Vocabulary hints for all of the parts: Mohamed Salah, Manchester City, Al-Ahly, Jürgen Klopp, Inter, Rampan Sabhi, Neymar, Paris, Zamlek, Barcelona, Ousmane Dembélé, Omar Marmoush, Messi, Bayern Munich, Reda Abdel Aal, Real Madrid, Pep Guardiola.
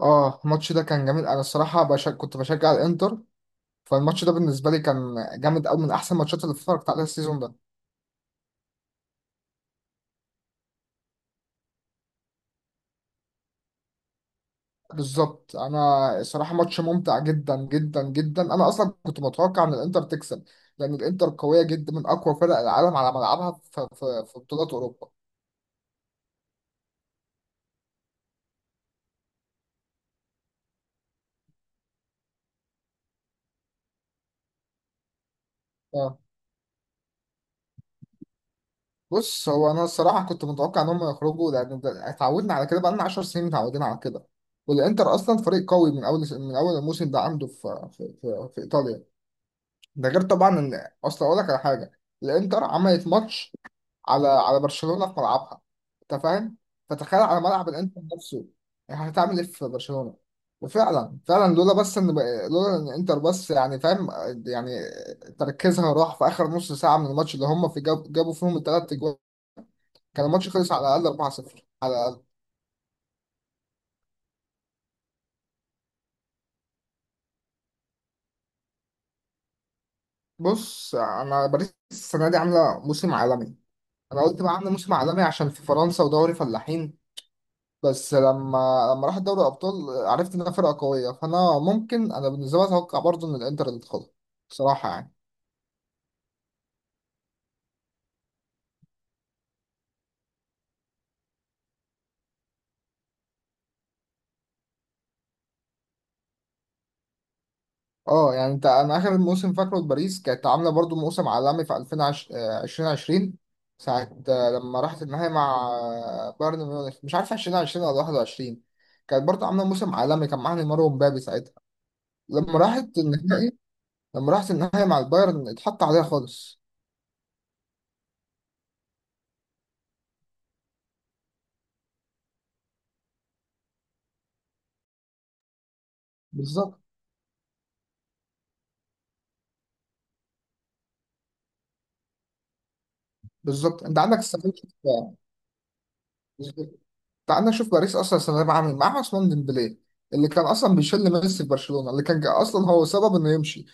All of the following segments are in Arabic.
اه الماتش ده كان جميل. انا الصراحه كنت بشجع الانتر. فالماتش ده بالنسبه لي كان جامد قوي، من احسن الماتشات اللي اتفرجت عليها السيزون ده. بالظبط انا الصراحه ماتش ممتع جدا جدا جدا. انا اصلا كنت متوقع ان الانتر تكسب، لان الانتر قويه جدا، من اقوى فرق العالم على ملعبها في بطولات اوروبا. اه، بص، هو انا الصراحه كنت متوقع ان هم يخرجوا، لان اتعودنا على كده بقالنا 10 سنين، متعودين على كده. والانتر اصلا فريق قوي من اول الموسم ده، عنده في ايطاليا. ده غير طبعا ان اصل اقول لك على حاجه. الانتر عملت ماتش على برشلونه في ملعبها، انت فاهم؟ فتخيل على ملعب الانتر نفسه، يعني هتعمل ايه في برشلونه. وفعلا فعلا، لولا ان انتر بس، يعني فاهم، يعني تركيزها راح في اخر نص ساعه من الماتش اللي هم في جابوا فيهم الثلاث اجوال. كان الماتش خلص على الاقل 4-0، على الاقل. بص، انا باريس السنه دي عامله موسم عالمي. انا قلت بقى عامله موسم عالمي عشان في فرنسا ودوري فلاحين. بس لما راح دوري الابطال عرفت انها فرقه قويه. فانا ممكن، انا بالنسبه لي اتوقع برضو ان الانتر اللي تاخدها، بصراحه يعني. اه، يعني انت، انا اخر موسم فاكره لباريس كانت عامله برضو موسم عالمي في 2020، ساعه، لما راحت النهائي مع بايرن ميونخ، مش عارف 2020 ولا 21. كانت برضو عامله موسم عالمي، كان معاها نيمار ومبابي ساعتها لما راحت النهائي. لما راحت النهائي مع البايرن اتحط عليها خالص. بالظبط بالظبط، انت عندك استفاد. تعال نشوف باريس اصلا السنه دي عامل معاه عثمان ديمبلي، اللي كان اصلا بيشل ميسي في برشلونه، اللي كان اصلا هو سبب انه يمشي.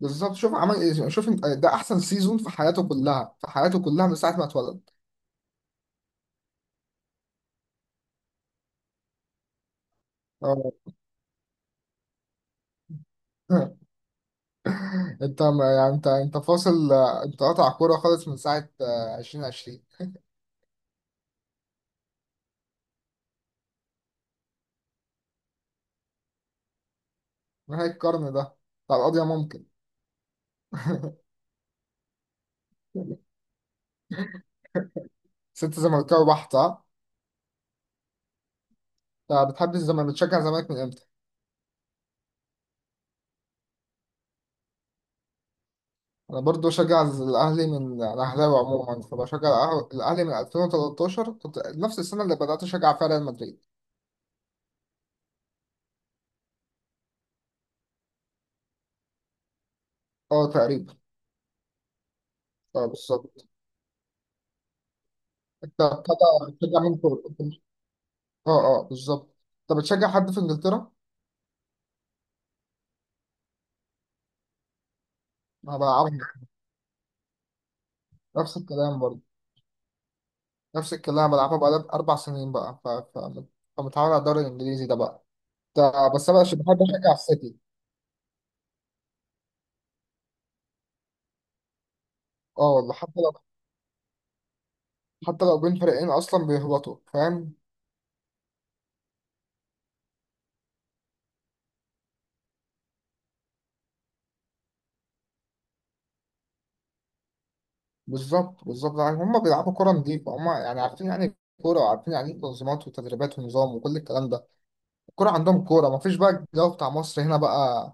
بالظبط، شوف عمل ايه. شوف ده احسن سيزون في حياته كلها، في حياته كلها من ساعه ما اتولد. اه. انت يعني، انت فاصل، انت قاطع كوره خالص من ساعه، 2020. نهايه القرن ده بتاع القضيه ممكن. ست زملكاوي بحت، ها؟ انت بتحب الزمالك؟ بتشجع الزمالك من امتى؟ انا برضو بشجع الاهلي، من، انا اهلاوي عموما فبشجع الاهلي من 2013. كنت نفس السنه اللي بدات اشجع فيها ريال مدريد. اه تقريبا. اه بالظبط. انت بتشجع مين فوق؟ اه اه بالظبط. انت بتشجع حد في انجلترا؟ انا بلعبها، نفس الكلام برضو. نفس الكلام، بلعبها بقالي اربع سنين بقى، فمتعود على الدوري الانجليزي ده بقى. ده بس انا بحب اشجع السيتي. اه والله، حتى لو، حتى لو بين فريقين اصلا بيهبطوا، فاهم. بالظبط بالظبط، يعني هم بيلعبوا كرة نظيفة، هم يعني عارفين يعني إيه كورة، وعارفين يعني إيه تنظيمات وتدريبات ونظام وكل الكلام ده. الكورة عندهم كورة، مفيش بقى الجو بتاع مصر هنا بقى.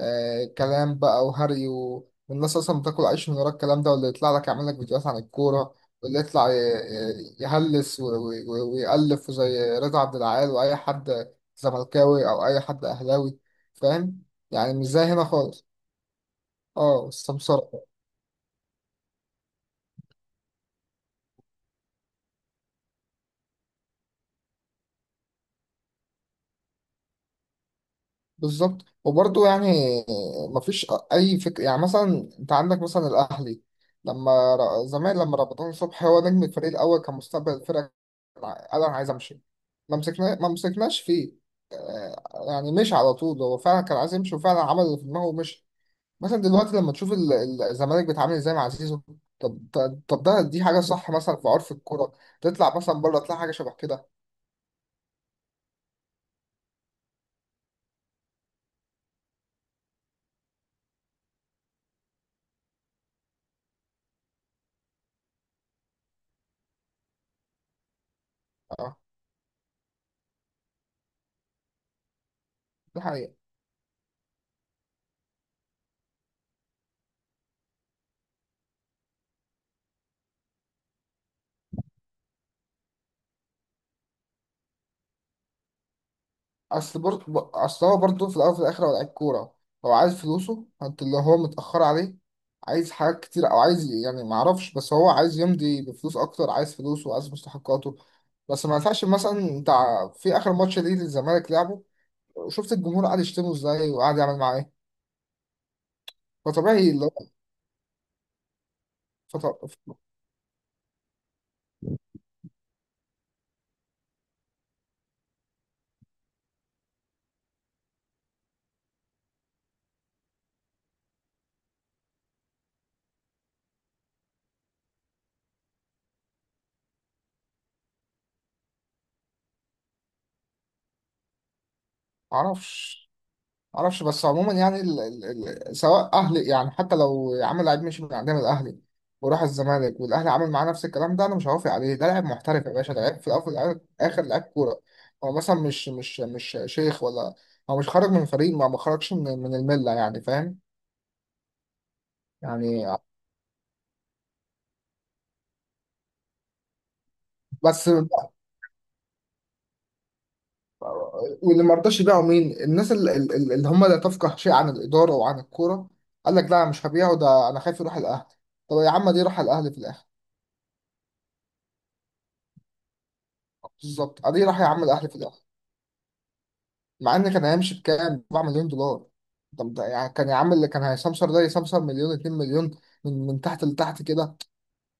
آه كلام بقى وهري، والناس أصلا بتاكل عيش من ورا الكلام ده، واللي يطلع لك يعمل لك فيديوهات عن الكورة، واللي يطلع يهلس ويألف زي رضا عبد العال، وأي حد زملكاوي أو أي حد أهلاوي، فاهم، يعني مش زي هنا خالص. اه، السمسرة. بالظبط وبرضه يعني، مفيش أي فكرة. يعني مثلا أنت عندك مثلا الأهلي، لما زمان، لما رمضان صبحي، هو نجم الفريق الأول، كان مستقبل الفرقة، قال أنا عايز أمشي. ما مسكناش فيه، يعني مشي على طول. هو فعلا كان عايز يمشي، وفعلا عمل اللي في دماغه ومشي. مثلا دلوقتي لما تشوف الزمالك بيتعامل ازاي مع زيزو. طب طب طب، ده دي حاجة صح مثلا في عرف الكورة؟ تطلع مثلا بره تلاقي حاجة شبه كده؟ اه، دي حقيقة. اصل برضه، اصل هو برضه في الاول وفي الاخر هو لعيب كوره، هو عايز فلوسه، انت اللي هو متاخر عليه، عايز حاجات كتير، او عايز يعني ما اعرفش، بس هو عايز يمضي بفلوس اكتر، عايز فلوسه وعايز مستحقاته. بس ما ينفعش مثلا انت في اخر ماتش ليه للزمالك لعبه، شفت الجمهور قاعد يشتمه ازاي، وقاعد يعمل معاه ايه. فطبيعي اللي هو، فط... ما اعرفش، معرفش. بس عموما يعني سواء اهلي، يعني حتى لو يا عم لعيب مشي من عندنا من الاهلي وراح الزمالك، والاهلي عمل معاه نفس الكلام ده، انا مش هوافق عليه. ده لاعب محترف يا باشا، ده لعيب في الاول وفي اخر، لعيب كوره. هو مثلا مش شيخ ولا، هو مش خرج من فريق، ما خرجش من المله، يعني فاهم. يعني بس. واللي ما رضاش يبيعوا مين؟ الناس اللي، اللي هم لا تفقه شيء عن الاداره وعن الكوره، قال لك لا مش هبيعه، ده انا خايف يروح الاهلي. طب يا عم دي راح الاهلي في الاخر. بالظبط، ادي راح يا عم الاهلي في الاخر. مع ان كان هيمشي بكام، 4 مليون دولار. طب ده يعني كان يا عم اللي كان هيسمسر ده يسمسر مليون، 2 مليون، من تحت لتحت كده.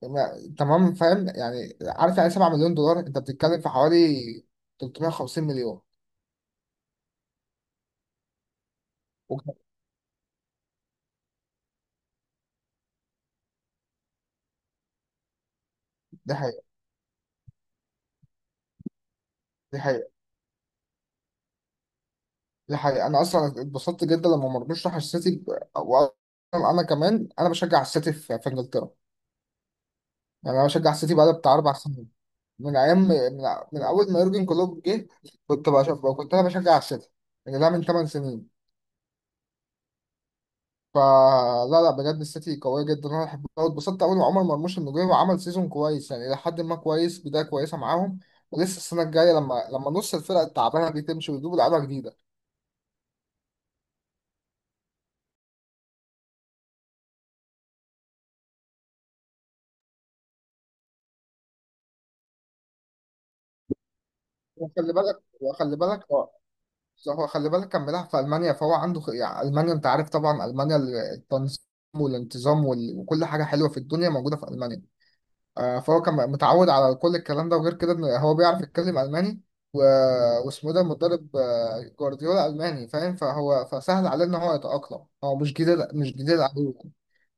تمام، فاهم يعني، عارف يعني 7 مليون دولار، انت بتتكلم في حوالي 350 مليون. وك- دي حقيقة، دي حقيقة. دي حقيقة، أنا أصلا اتبسطت جدا لما مرموش راح السيتي. وأنا، أنا كمان، أنا بشجع السيتي في إنجلترا. يعني أنا بشجع السيتي بقالي بتاع أربع سنين، من أيام، من، من أول ما يورجن كلوب جه، كنت بشجع، كنت أنا بشجع السيتي. يعني ده من 8 سنين. فلا لا، بجد السيتي قوية جدا، انا بحبها، واتبسطت قوي إن عمر مرموش انه جه وعمل سيزون كويس، يعني إلى حد ما كويس، بداية كويسة معاهم. ولسه السنة الجاية لما نص الفرق التعبانة دي تمشي ويجيبوا لعيبة جديدة. وخلي بالك هو، هو خلي بالك كان بيلعب في ألمانيا، فهو عنده يعني ألمانيا، أنت عارف طبعا ألمانيا، التنظيم والانتظام وكل حاجة حلوة في الدنيا موجودة في ألمانيا. فهو كان متعود على كل الكلام ده، وغير كده إن هو بيعرف يتكلم ألماني، و... واسمه ده مدرب، جوارديولا ألماني، فاهم؟ فهو فسهل عليه إن هو يتأقلم، هو مش جديد، مش جديد عليه.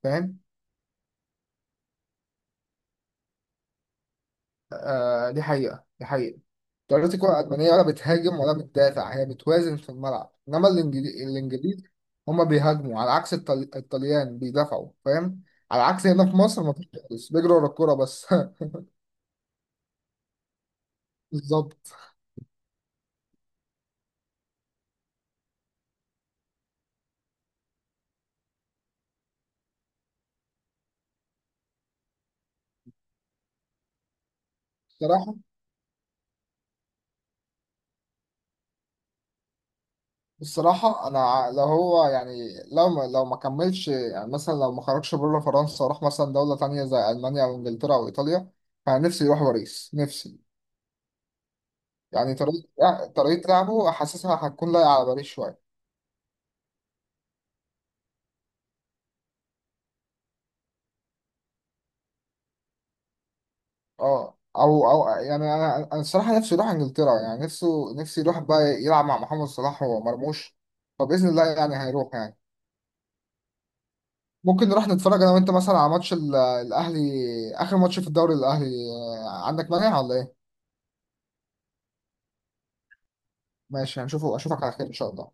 فاهم. آه، دي حقيقة، دي حقيقة. طريقة الكرة الألمانية ولا بتهاجم ولا بتدافع، هي بتوازن في الملعب. إنما الإنجليز هما بيهاجموا، على عكس الطليان بيدافعوا، فاهم. على عكس هنا في مصر مفيش خالص، بيجروا ورا الكورة بس. بالظبط. صراحة، الصراحة أنا لو هو، يعني لو ما كملش، يعني مثلا لو ما خرجش بره فرنسا وراح مثلا دولة تانية زي ألمانيا أو إنجلترا أو إيطاليا، فأنا نفسي يروح باريس، نفسي. يعني طريقة لعبه حاسسها هتكون لايقة على باريس شوية. أه، أو يعني، أنا الصراحة نفسي يروح إنجلترا، يعني نفسي يروح بقى يلعب مع محمد صلاح ومرموش. فبإذن الله يعني هيروح يعني. ممكن نروح نتفرج أنا وأنت مثلا على ماتش الأهلي، آخر ماتش في الدوري، الأهلي عندك مانع ولا إيه؟ ماشي، هنشوفه. اشوفك على خير ان شاء الله.